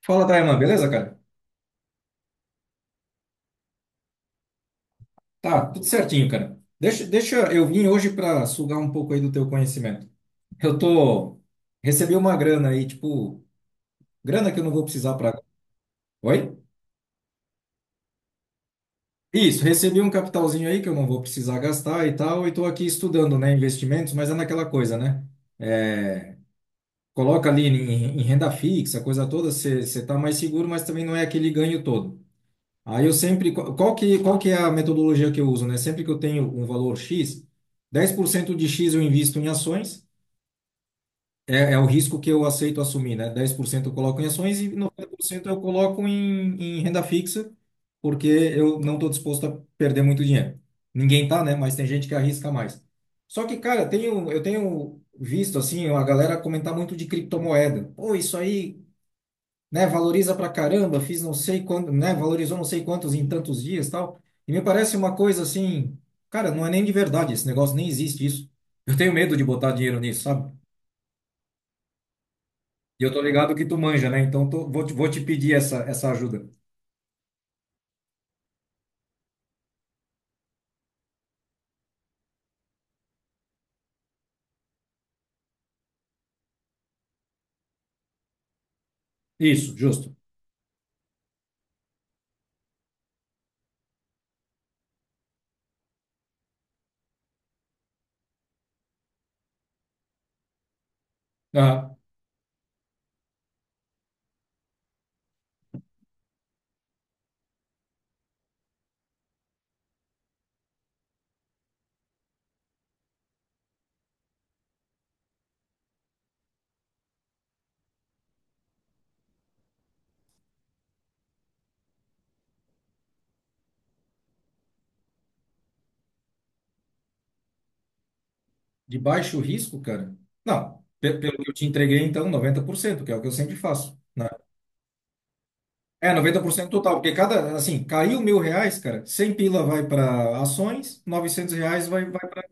Fala, Daiman, beleza, cara? Tá, tudo certinho, cara. Deixa eu vim hoje para sugar um pouco aí do teu conhecimento. Eu tô Recebi uma grana aí, tipo, grana que eu não vou precisar para. Oi? Isso, recebi um capitalzinho aí que eu não vou precisar gastar e tal, e tô aqui estudando, né, investimentos, mas é naquela coisa, né? É, coloca ali em renda fixa, coisa toda, você tá mais seguro, mas também não é aquele ganho todo. Aí eu sempre, qual que é a metodologia que eu uso, né? Sempre que eu tenho um valor X, 10% de X eu invisto em ações, é o risco que eu aceito assumir, né? 10% eu coloco em ações e 90% eu coloco em renda fixa, porque eu não estou disposto a perder muito dinheiro. Ninguém tá, né? Mas tem gente que arrisca mais. Só que, cara, eu tenho visto, assim, a galera comentar muito de criptomoeda. Pô, isso aí, né? Valoriza pra caramba, fiz não sei quanto, né? Valorizou não sei quantos em tantos dias, tal. E me parece uma coisa assim, cara, não é nem de verdade esse negócio, nem existe isso. Eu tenho medo de botar dinheiro nisso, sabe? E eu tô ligado que tu manja, né? Então vou te pedir essa ajuda. Isso, justo. Ah, de baixo risco, cara? Não, pelo que eu te entreguei, então, 90% que é o que eu sempre faço, né? É, 90% total, porque cada, assim, caiu R$ 1.000, cara, R$ 100 vai para ações, R$ 900 vai, vai para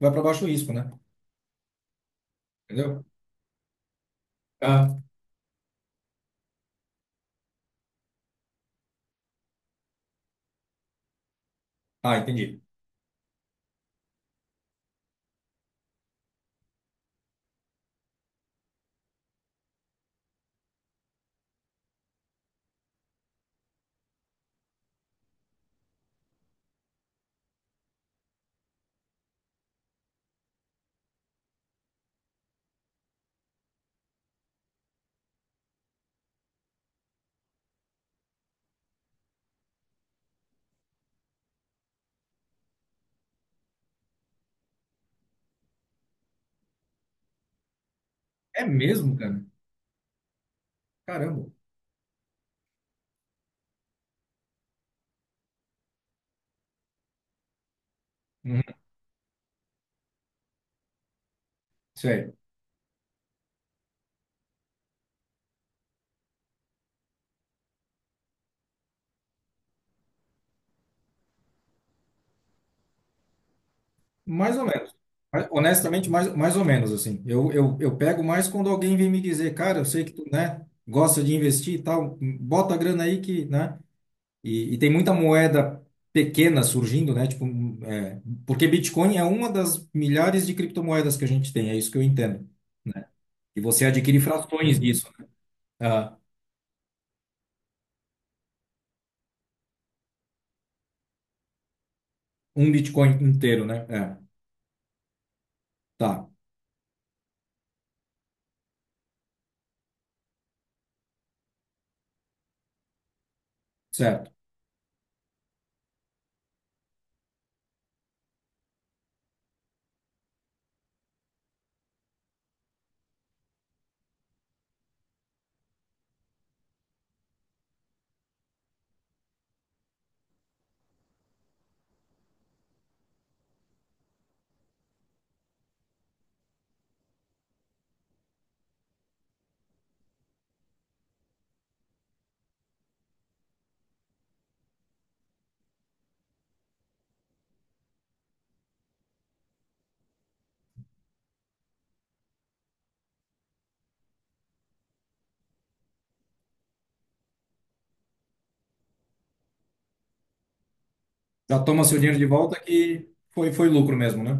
vai para baixo risco, né? Entendeu? Ah, Ah, entendi. É mesmo, cara? Caramba. Uhum. Isso aí. Mais ou menos. Mas, honestamente, mais ou menos, assim. Eu pego mais quando alguém vem me dizer, cara, eu sei que tu, né, gosta de investir e tal, bota a grana aí que, né? E tem muita moeda pequena surgindo, né? Tipo, é, porque Bitcoin é uma das milhares de criptomoedas que a gente tem, é isso que eu entendo. E você adquire frações, uhum, disso, né? Ah, um Bitcoin inteiro, né? É, tá, certo. Já toma seu dinheiro de volta que foi lucro mesmo, né?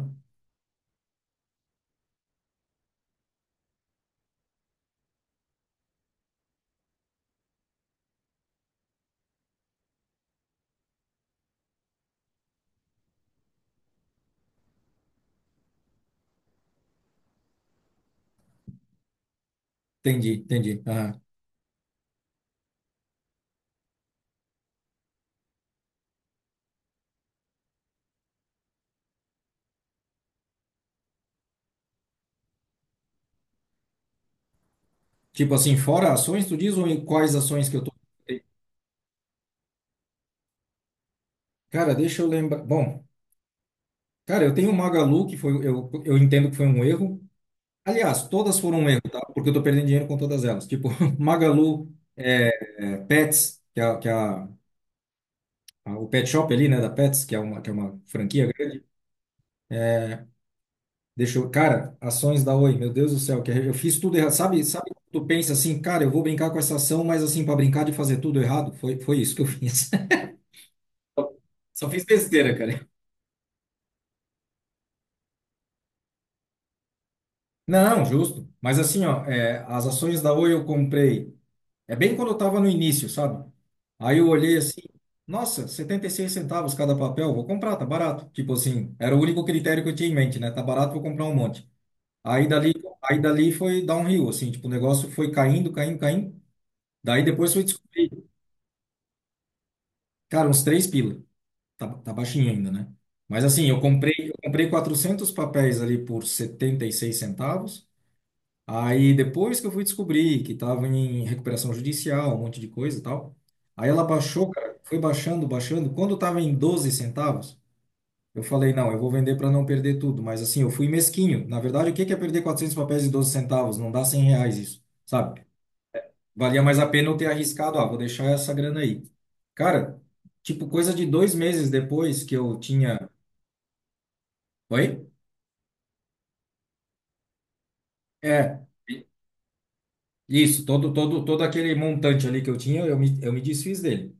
Entendi, entendi. Aham. Tipo assim, fora ações, tu diz ou em quais ações que eu tô? Cara, deixa eu lembrar. Bom, cara, eu tenho o Magalu, que foi, eu entendo que foi um erro. Aliás, todas foram um erro, tá? Porque eu tô perdendo dinheiro com todas elas. Tipo, Magalu, Pets, que é, o pet shop ali, né, da Pets, que é uma franquia grande. Deixa eu, cara, ações da Oi, meu Deus do céu, que eu fiz tudo errado. Sabe quando tu pensa assim, cara, eu vou brincar com essa ação, mas assim, para brincar de fazer tudo errado? Foi isso que eu fiz. Só fiz besteira, cara. Não, justo. Mas assim, ó, é, as ações da Oi eu comprei. É bem quando eu estava no início, sabe? Aí eu olhei assim, nossa, 76 centavos cada papel, vou comprar, tá barato. Tipo assim, era o único critério que eu tinha em mente, né? Tá barato, vou comprar um monte. Aí dali, aí dali foi downhill, assim, tipo, o negócio foi caindo, caindo, caindo. Daí depois foi descobrir, cara, uns R$ 3. Tá, tá baixinho ainda, né? Mas assim, eu comprei 400 papéis ali por 76 centavos. Aí depois que eu fui descobrir que estava em recuperação judicial, um monte de coisa e tal, aí ela baixou, cara, foi baixando, baixando. Quando estava em 12 centavos, eu falei, não, eu vou vender para não perder tudo. Mas assim, eu fui mesquinho. Na verdade, o que que é perder 400 papéis de 12 centavos? Não dá R$ 100 isso, sabe? Valia mais a pena eu ter arriscado, ah, vou deixar essa grana aí. Cara, tipo, coisa de 2 meses depois que eu tinha... Oi? É, isso, todo aquele montante ali que eu tinha, eu me desfiz dele.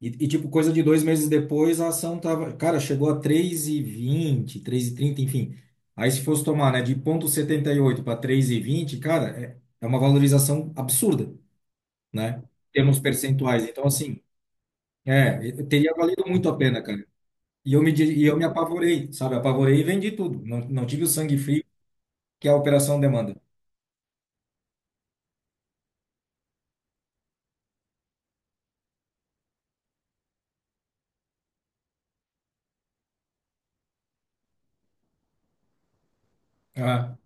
E tipo, coisa de dois meses depois, a ação tava, cara, chegou a três, três e vinte, três e trinta, enfim. Aí se fosse tomar, né, de 0,78 para 3,20, cara, é uma valorização absurda, né? Em termos percentuais. Então, assim, é, teria valido muito a pena, cara. E eu me apavorei, sabe? Apavorei e vendi tudo. Não, não tive o sangue frio, que é a operação demanda. Ah,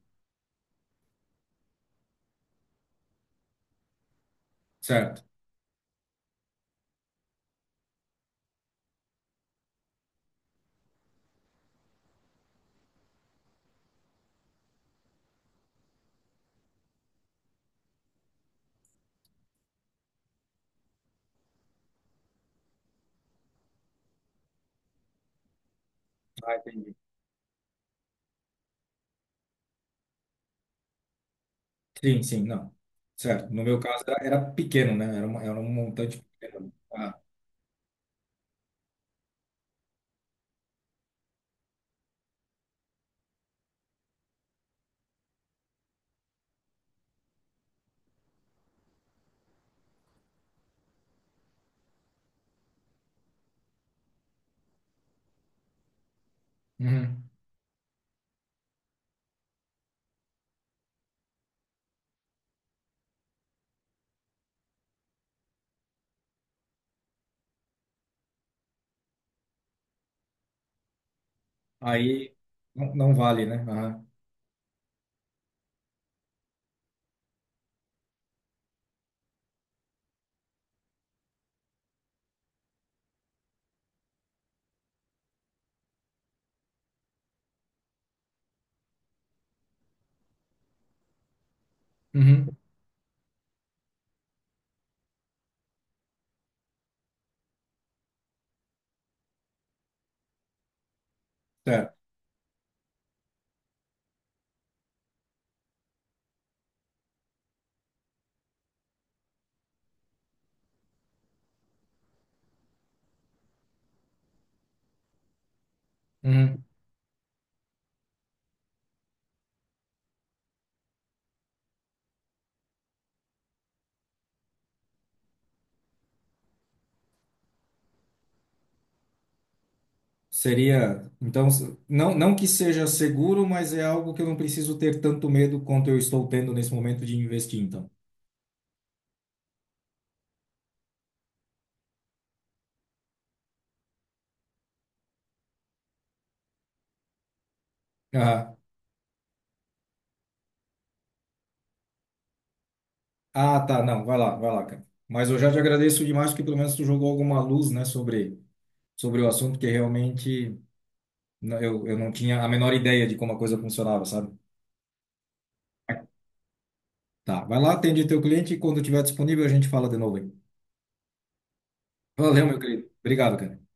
certo. Ah, entendi. Sim, sim, não. Certo. No meu caso, era pequeno, né? Era um montante pequeno. Ah, uhum. Aí não, não vale, né? Aham. Uhum. Certo. Uhum. Seria, então, não, não que seja seguro, mas é algo que eu não preciso ter tanto medo quanto eu estou tendo nesse momento de investir, então. Aham. Ah, tá, não, vai lá, cara. Mas eu já te agradeço demais porque pelo menos tu jogou alguma luz, né, sobre o assunto que realmente eu não tinha a menor ideia de como a coisa funcionava, sabe? Tá, vai lá, atende teu cliente e quando tiver disponível a gente fala de novo aí. Valeu, meu querido. Obrigado, cara.